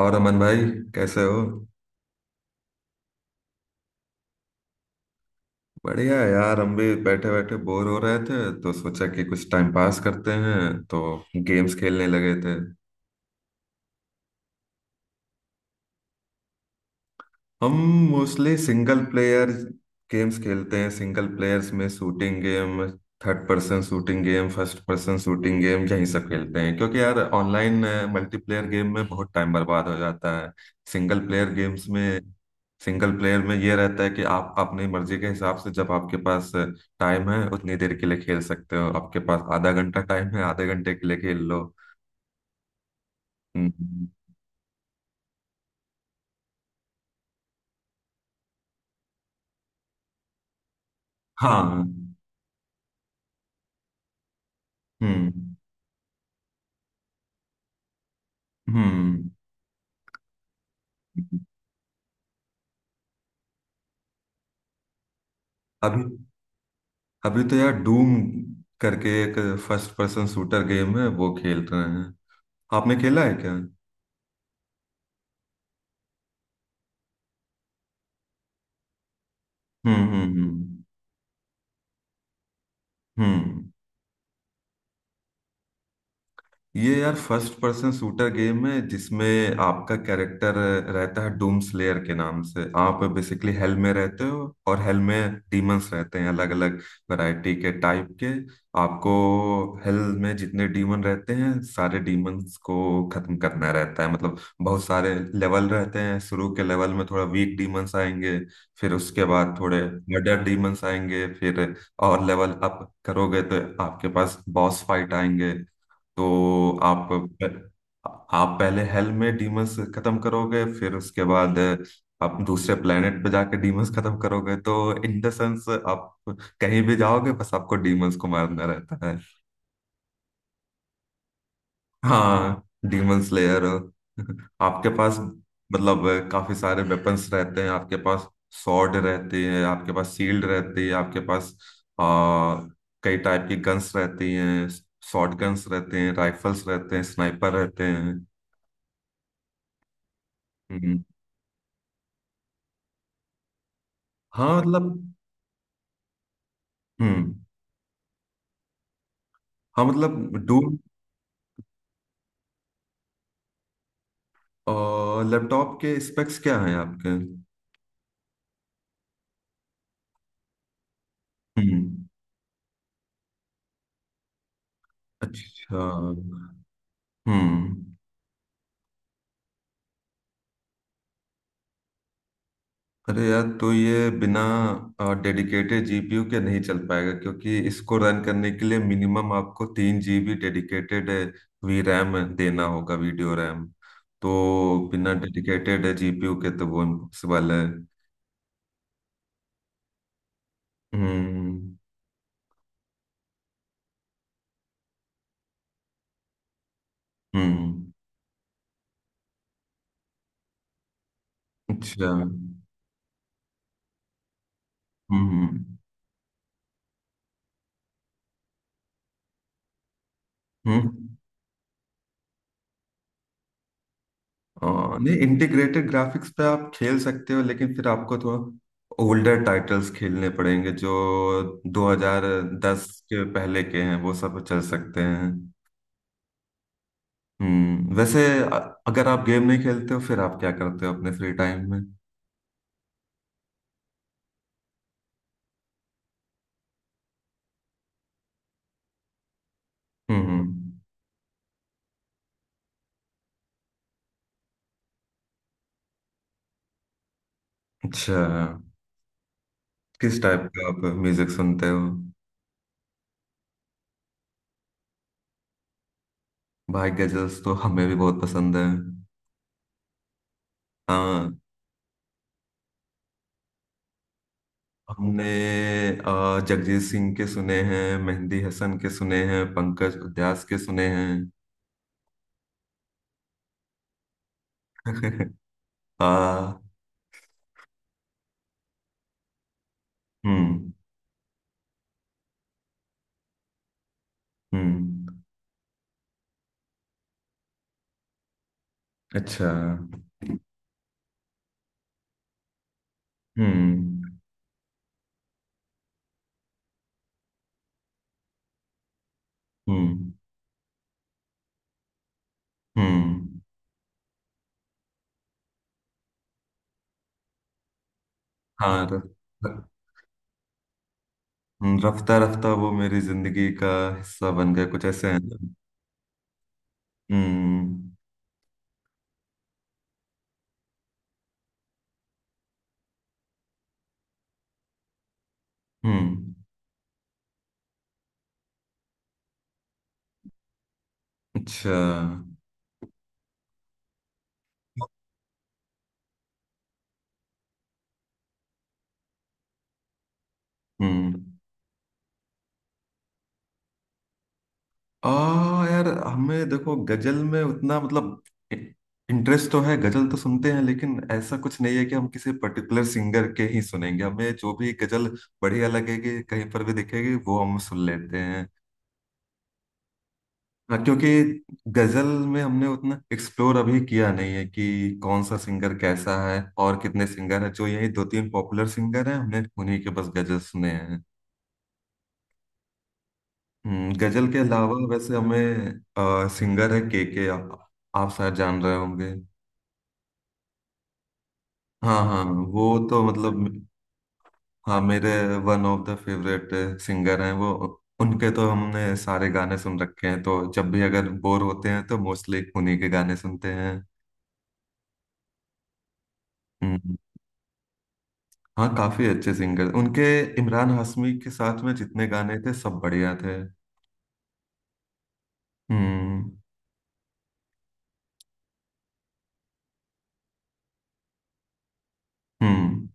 और अमन भाई, कैसे हो? बढ़िया है यार, हम भी बैठे बैठे बोर हो रहे थे तो सोचा कि कुछ टाइम पास करते हैं, तो गेम्स खेलने लगे थे। हम मोस्टली सिंगल प्लेयर गेम्स खेलते हैं। सिंगल प्लेयर्स में shooting game, third person shooting game, first person shooting game, यही सब खेलते हैं, क्योंकि यार ऑनलाइन मल्टीप्लेयर गेम में बहुत टाइम बर्बाद हो जाता है। सिंगल प्लेयर गेम्स में सिंगल प्लेयर में ये रहता है कि आप अपनी मर्जी के हिसाब से, जब आपके पास टाइम है उतनी देर के लिए खेल सकते हो। आपके पास आधा घंटा टाइम है, आधे घंटे के लिए खेल लो। हम्म। हाँ। हम्म। हम्म। अभी, अभी तो यार डूम करके एक फर्स्ट पर्सन शूटर गेम है, वो खेल रहे हैं। आपने खेला है क्या? हम्म। हम्म। हम्म। हम्म। ये यार फर्स्ट पर्सन शूटर गेम है जिसमें आपका कैरेक्टर रहता है डूम स्लेयर के नाम से। आप बेसिकली हेल में रहते हो, और हेल में डीमंस रहते हैं अलग अलग वैरायटी के टाइप के। आपको हेल में जितने डीमन रहते हैं सारे डीमंस को खत्म करना रहता है। मतलब बहुत सारे लेवल रहते हैं, शुरू के लेवल में थोड़ा वीक डीमंस आएंगे, फिर उसके बाद थोड़े मर्डर डीमंस आएंगे, फिर और लेवल अप करोगे तो आपके पास बॉस फाइट आएंगे। तो आप पहले हेल में डीमंस खत्म करोगे, फिर उसके बाद आप दूसरे प्लेनेट पे जाके डीमंस खत्म करोगे। तो इन द सेंस आप कहीं भी जाओगे, बस आपको डीमंस को मारना रहता है। हाँ, डीमन स्लेयर। आपके पास मतलब काफी सारे वेपन्स रहते हैं आपके पास। सॉर्ड रहती है आपके पास, शील्ड रहती है आपके पास। आ, कई टाइप की गन्स रहती हैं, शॉर्ट गन्स रहते हैं, राइफल्स रहते हैं, स्नाइपर रहते हैं। हम्म। हाँ, मतलब। हम्म। हाँ, मतलब डूम। और लैपटॉप के स्पेक्स क्या हैं आपके? हम्म। अच्छा। हम्म। अरे यार, तो ये बिना डेडिकेटेड जीपीयू के नहीं चल पाएगा, क्योंकि इसको रन करने के लिए मिनिमम आपको तीन जीबी डेडिकेटेड वी रैम देना होगा, वीडियो रैम। तो बिना डेडिकेटेड जीपीयू के तो वो इम्पॉसिबल है। हम्म। हम्म। अच्छा। हम्म। हम्म। नहीं, इंटीग्रेटेड ग्राफिक्स पे आप खेल सकते हो, लेकिन फिर आपको थोड़ा ओल्डर टाइटल्स खेलने पड़ेंगे जो 2010 के पहले के हैं वो सब चल सकते हैं। हम्म। वैसे अगर आप गेम नहीं खेलते हो फिर आप क्या करते हो अपने फ्री टाइम में? हम्म। हम्म। अच्छा, किस टाइप का आप म्यूजिक सुनते हो? भाई, गजल्स तो हमें भी बहुत पसंद है। हमने जगजीत सिंह के सुने हैं, मेहंदी हसन के सुने हैं, पंकज उधास के सुने हैं। आ, हम्म। हम्म। अच्छा। हम्म। हम्म। हम्म। हाँ, र- रफ्ता रफ्ता वो मेरी जिंदगी का हिस्सा बन गया, कुछ ऐसे हैं ना। हम्म। हम्म। अच्छा। हम्म आ यार हमें देखो, गजल में उतना मतलब इंटरेस्ट तो है, गजल तो सुनते हैं, लेकिन ऐसा कुछ नहीं है कि हम किसी पर्टिकुलर सिंगर के ही सुनेंगे। हमें जो भी गजल बढ़िया लगेगी कहीं पर भी दिखेगी वो हम सुन लेते हैं। हाँ, क्योंकि गजल में हमने उतना एक्सप्लोर अभी किया नहीं है कि कौन सा सिंगर कैसा है और कितने सिंगर हैं। जो यही दो तीन पॉपुलर सिंगर हैं हमने उन्हीं के बस गजल सुने हैं। गजल के अलावा वैसे हमें सिंगर है के, आप शायद जान रहे होंगे। हाँ हाँ, वो तो मतलब, हाँ, मेरे one of the favourite singer हैं वो। उनके तो हमने सारे गाने सुन रखे हैं, तो जब भी अगर बोर होते हैं तो मोस्टली उन्हीं के गाने सुनते हैं। हम्म, हाँ, काफी अच्छे सिंगर उनके। इमरान हाशमी के साथ में जितने गाने थे सब बढ़िया थे। हम्म। हम्म।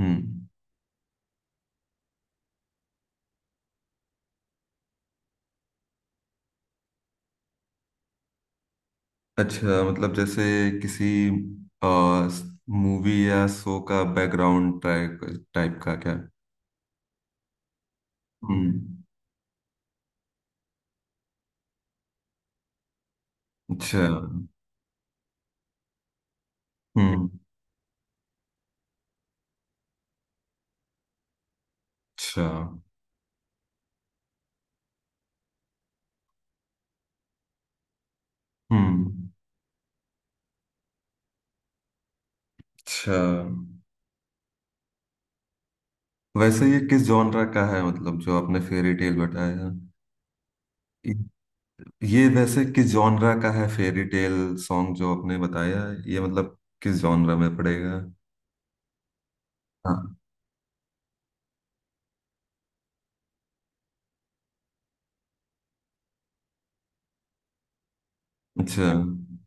हम्म। अच्छा, मतलब जैसे किसी मूवी या शो का बैकग्राउंड ट्रैक टाइप का, क्या? हम्म। अच्छा। हम्म। अच्छा। हम्म। अच्छा, वैसे ये किस जॉनरा का है, मतलब जो आपने फेरी टेल बताया? ये ये वैसे किस जॉनरा का है, फेरी टेल सॉन्ग जो आपने बताया, ये मतलब किस जॉनरा में पड़ेगा? हाँ। अच्छा। हम्म।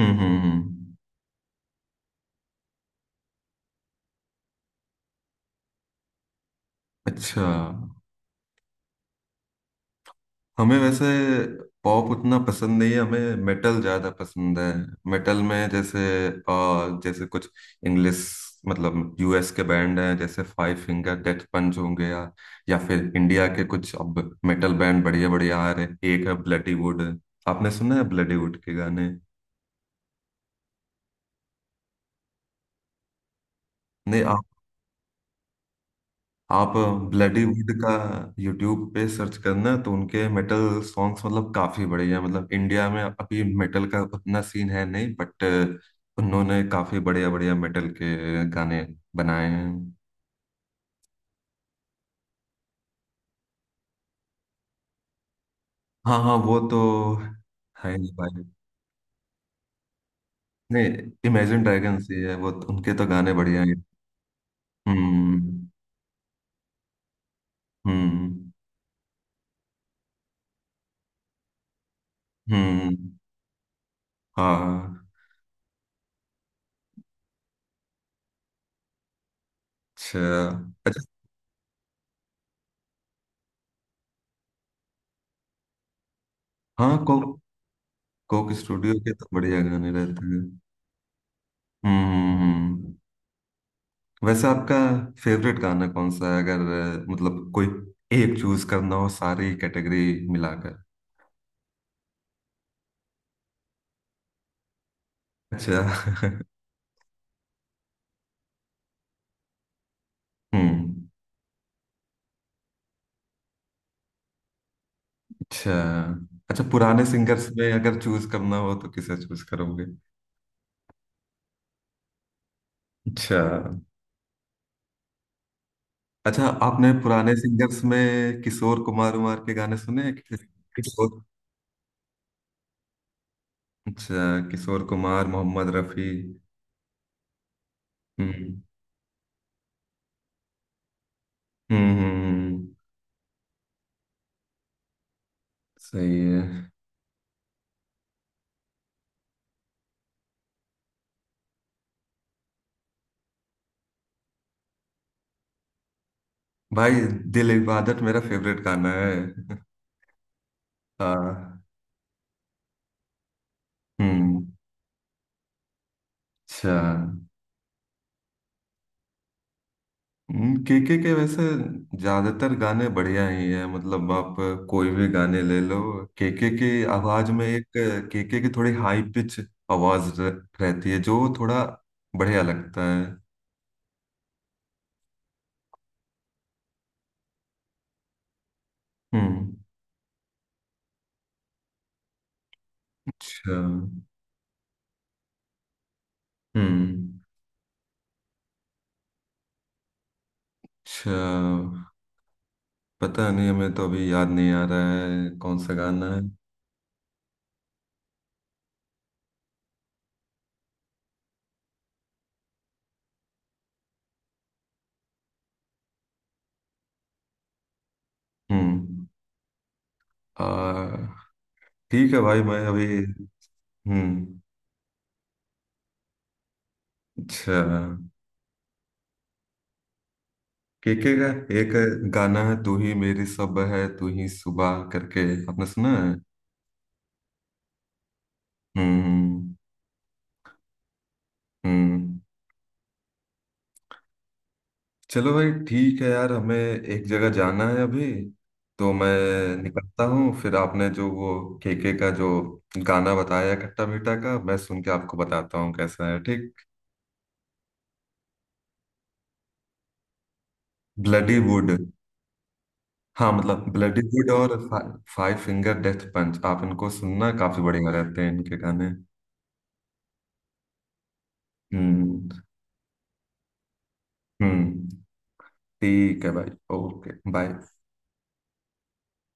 हम्म। हम्म। अच्छा, हमें वैसे पॉप उतना पसंद नहीं है, हमें मेटल ज्यादा पसंद है। मेटल में जैसे, जैसे कुछ इंग्लिश, मतलब यूएस के बैंड हैं, जैसे फाइव फिंगर डेथ पंच होंगे, या फिर इंडिया के कुछ अब मेटल बैंड बढ़िया बढ़िया आ रहे हैं। एक है ब्लडी वुड, आपने सुना है ब्लडी वुड के गाने? नहीं, आप ब्लडी वुड का यूट्यूब पे सर्च करना, तो उनके मेटल सॉन्ग्स मतलब काफी बढ़िया। मतलब इंडिया में अभी मेटल का उतना सीन है नहीं, बट उन्होंने काफी बढ़िया बढ़िया मेटल के गाने बनाए हैं। हाँ हाँ, वो तो है ही भाई। नहीं, इमेजिन ड्रैगन्स ही है वो, उनके तो गाने बढ़िया हैं। हम्म। हम्म। हम्म। हाँ। अच्छा। अच्छा। हाँ, कोक, कोक स्टूडियो के तो बढ़िया गाने रहते हैं। हम्म। हम्म। हम्म। वैसे आपका फेवरेट गाना कौन सा है, अगर मतलब कोई एक चूज करना हो, सारी कैटेगरी मिलाकर? अच्छा। हम्म। अच्छा। अच्छा, पुराने सिंगर्स में अगर चूज करना हो तो किसे चूज करोगे? अच्छा। अच्छा, आपने पुराने सिंगर्स में किशोर कुमार उमार के गाने सुने हैं, किशोर, अच्छा, किशोर कुमार, मोहम्मद रफी? हम्म। हम्म। हम्म। हम्म। सही है। भाई, दिल इबादत मेरा फेवरेट गाना है। हाँ। हम्म। अच्छा, केके के वैसे ज्यादातर गाने बढ़िया ही है, मतलब आप कोई भी गाने ले लो। केके की आवाज में एक, केके की थोड़ी हाई पिच आवाज रहती है, जो थोड़ा बढ़िया लगता है। हम्म। अच्छा। हम्म। अच्छा, पता नहीं, हमें तो अभी याद नहीं आ रहा है कौन सा गाना है। हम्म। आ ठीक है भाई, मैं अभी। हम्म। अच्छा, केके का एक गाना है तू ही मेरी सब है तू ही सुबह करके, आपने सुना है? हम्म। हम्म। हम्म। चलो भाई, ठीक है यार, हमें एक जगह जाना है अभी, तो मैं निकलता हूँ। फिर आपने जो वो केके का जो गाना बताया खट्टा मीठा का, मैं सुन के आपको बताता हूँ कैसा है, ठीक? Bloody would. हाँ, मतलब ब्लडी वुड और फाइव फिंगर डेथ पंच, आप इनको सुनना, काफी बढ़िया रहते हैं इनके गाने। हम्म। हम्म। ठीक है भाई। Okay, bye.